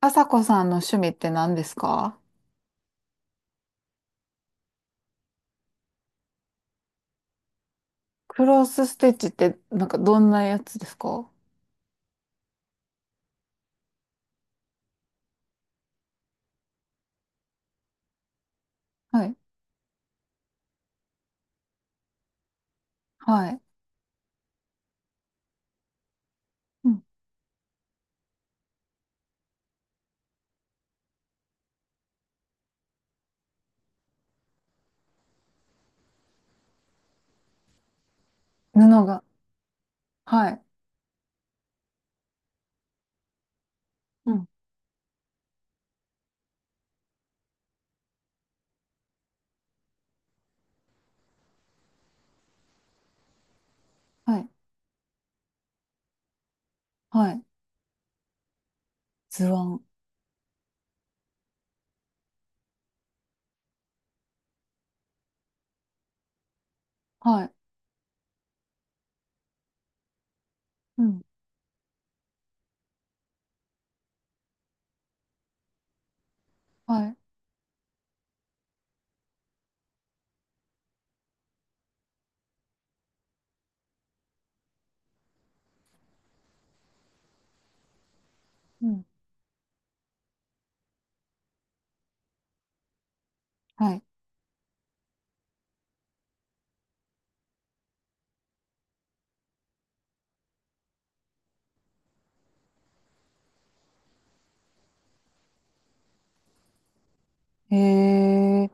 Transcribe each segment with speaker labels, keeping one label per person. Speaker 1: あさこさんの趣味って何ですか？クロスステッチってなんかどんなやつですか？はい。はい。うん。布が。はい。うん。はい。はい。図案。はい。うん。はい。うん。はい。えー。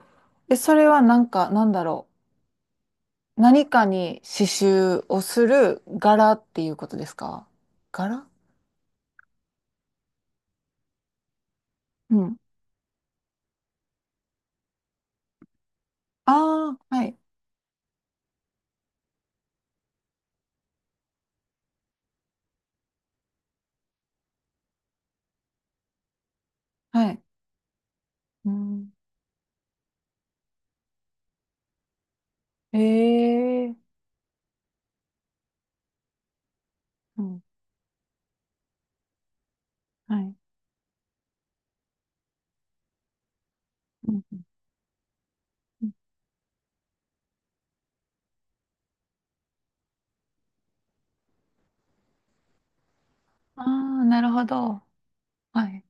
Speaker 1: え、それはなんか、何かに刺繍をする柄っていうことですか？柄。うん。ああ、はい。はい。うん。えー。うん。はい。うん。ああ、なるほど。はい。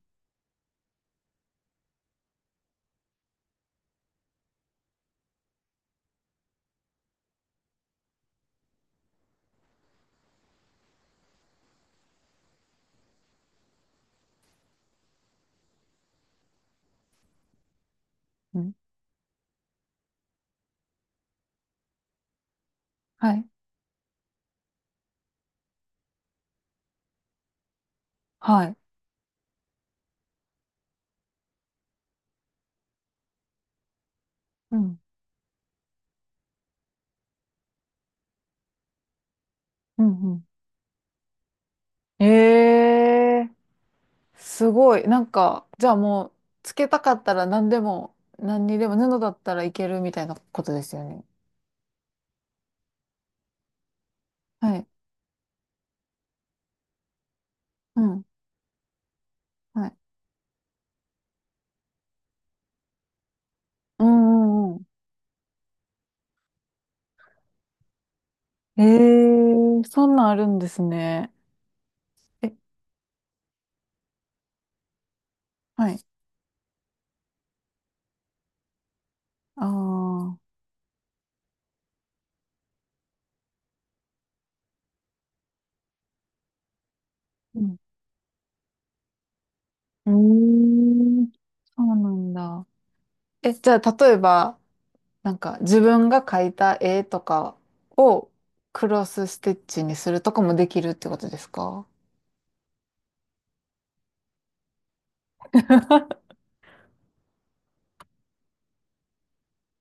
Speaker 1: うん。はい。はい。うん。うん。うん。ええー、すごい。なんか、じゃあもう、つけたかったら何でも、何にでも布だったらいけるみたいなことですよね。はい。うん。はい。うんうんうん。ええー、そんなんあるんですね。え、はい。ああ。うん。うーん。そうなんだ。え、じゃあ、例えば、なんか自分が描いた絵とかをクロスステッチにするとかもできるってことですか？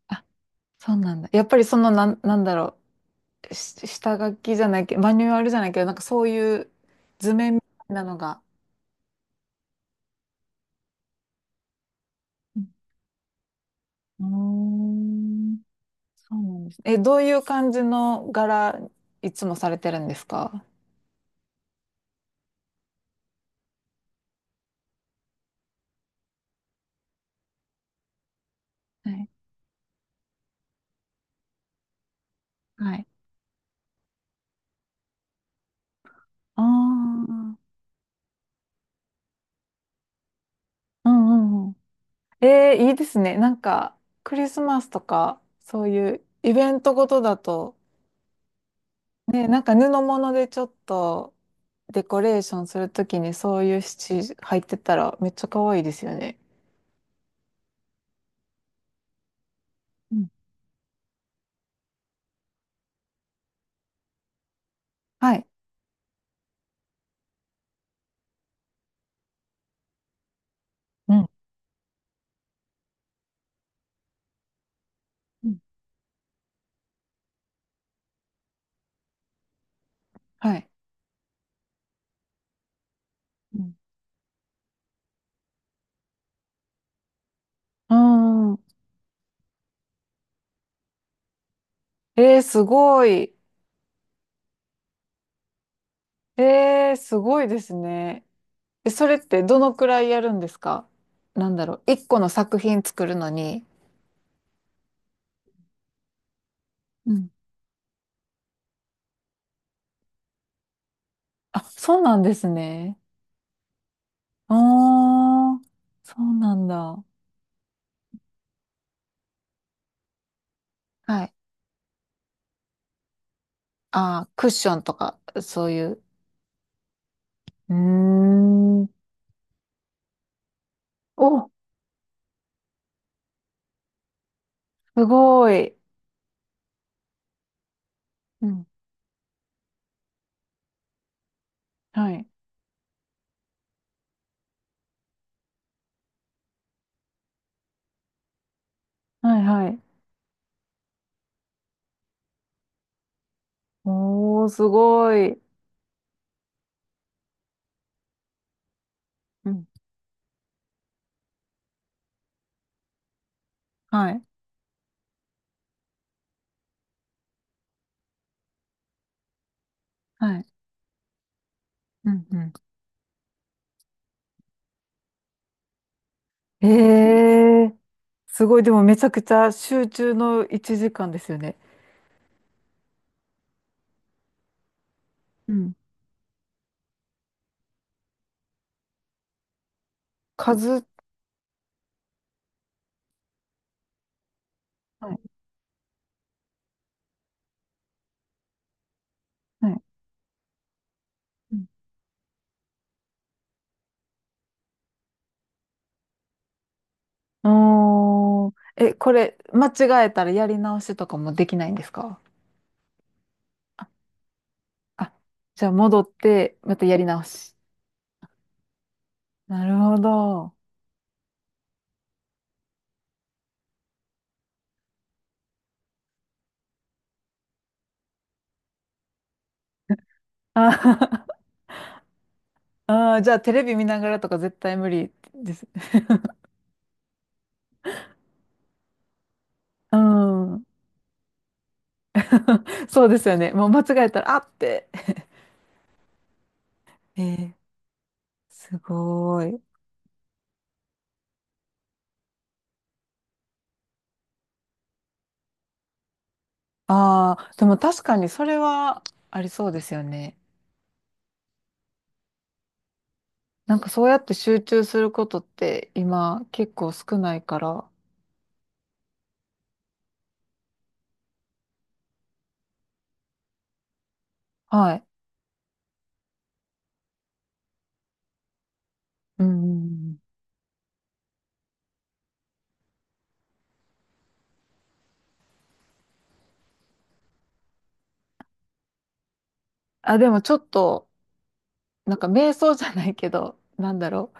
Speaker 1: あ、そうなんだ。やっぱりそのなん、し下書きじゃないけど、マニュアルじゃないけど、なんかそういう図面みたいなのが。うん。うーん。そうなんですね。え、どういう感じの柄、いつもされてるんですか？はい。はい。ああ、うんうんうん。えー、いいですね。なんか、クリスマスとか、そういうイベントごとだと、ね、なんか布物でちょっとデコレーションするときにそういうシチ入ってたらめっちゃ可愛いですよね。うん。はい。うんうん。はい。うん。うーん。えー、すごい。えー、すごいですね。え、それってどのくらいやるんですか？なんだろう。一個の作品作るのに。うん。あ、そうなんですね。ああ、そうなんだ。はい。ああ、クッションとか、そういう。うーん。お、すごい。うん。はい。はいはい。おー、すごい。うん。はい。はい。うん。うん。ええ、すごい。でもめちゃくちゃ集中の1時間ですよね。うん。数、はい。はい。うん。おー。え、これ、間違えたらやり直しとかもできないんですか？あ、じゃあ戻って、またやり直し。なるほど。あ。 あー、じゃあテレビ見ながらとか絶対無理です。うん。そうですよね。もう間違えたら、あって。えー、すごい。ああ、でも確かにそれはありそうですよね。なんかそうやって集中することって今結構少ないから。はい。うんうんうん。あ、でもちょっと、なんか瞑想じゃないけど、なんだろう。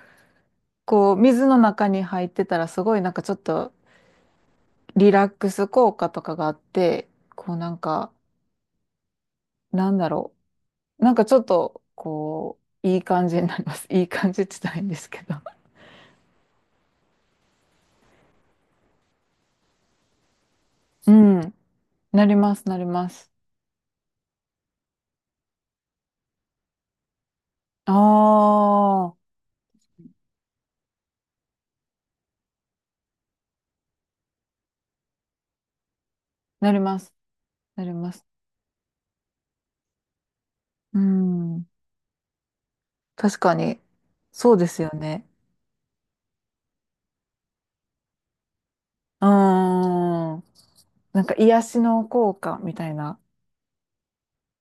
Speaker 1: こう、水の中に入ってたらすごいなんかちょっとリラックス効果とかがあって、こうなんか、なんだろう。なんかちょっと、こう、いい感じになります。いい感じって言ったらいいんですけど。うん。なります、なります。ああ、なります、なります。うん。確かに、そうですよね。うーん。なんか癒しの効果みたいな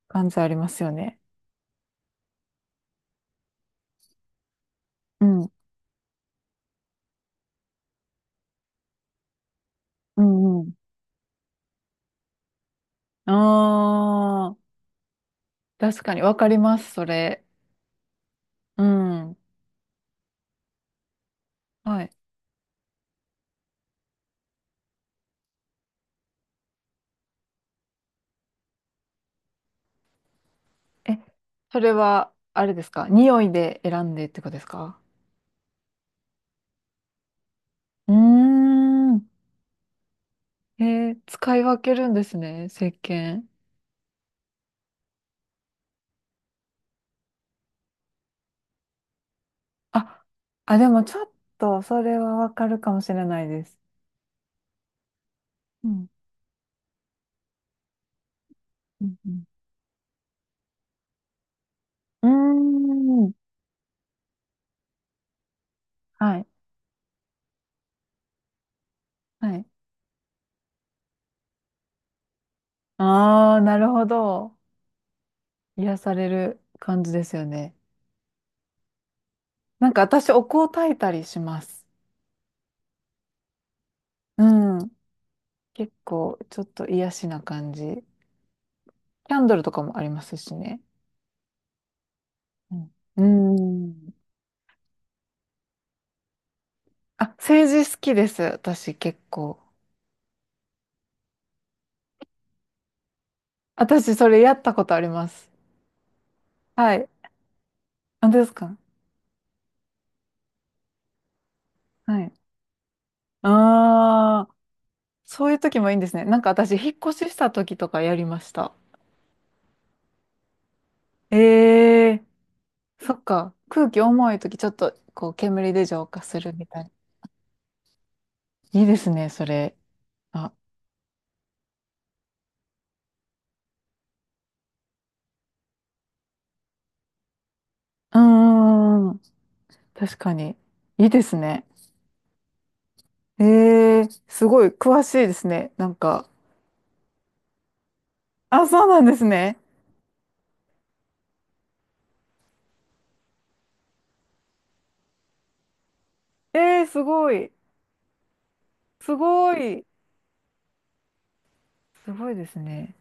Speaker 1: 感じありますよね。うん。うんうん。ああ。確かに、わかります、それ。うん。はい。え、それは、あれですか？匂いで選んでってことですか？うーん。えー、使い分けるんですね、石鹸。あ、あ、でもちょっと、それはわかるかもしれないです。うん。うんうん。うーん。はい。はい。ああ、なるほど。癒される感じですよね。なんか私、お香焚いたりします。うん。結構、ちょっと癒しな感じ。キャンドルとかもありますしね。うんうーん。あ、政治好きです。私結構。私それやったことあります。はい。あ、ですか？はい。ああ、そういう時もいいんですね。なんか私、引っ越しした時とかやりました。え。えー、そっか。空気重い時ちょっとこう煙で浄化するみたいな。いいですね、それ。あ、うーん。確かに。いいですね。え。えー、すごい詳しいですね。なんか、あ、そうなんですね。えー、すごい。すごい。すごいですね。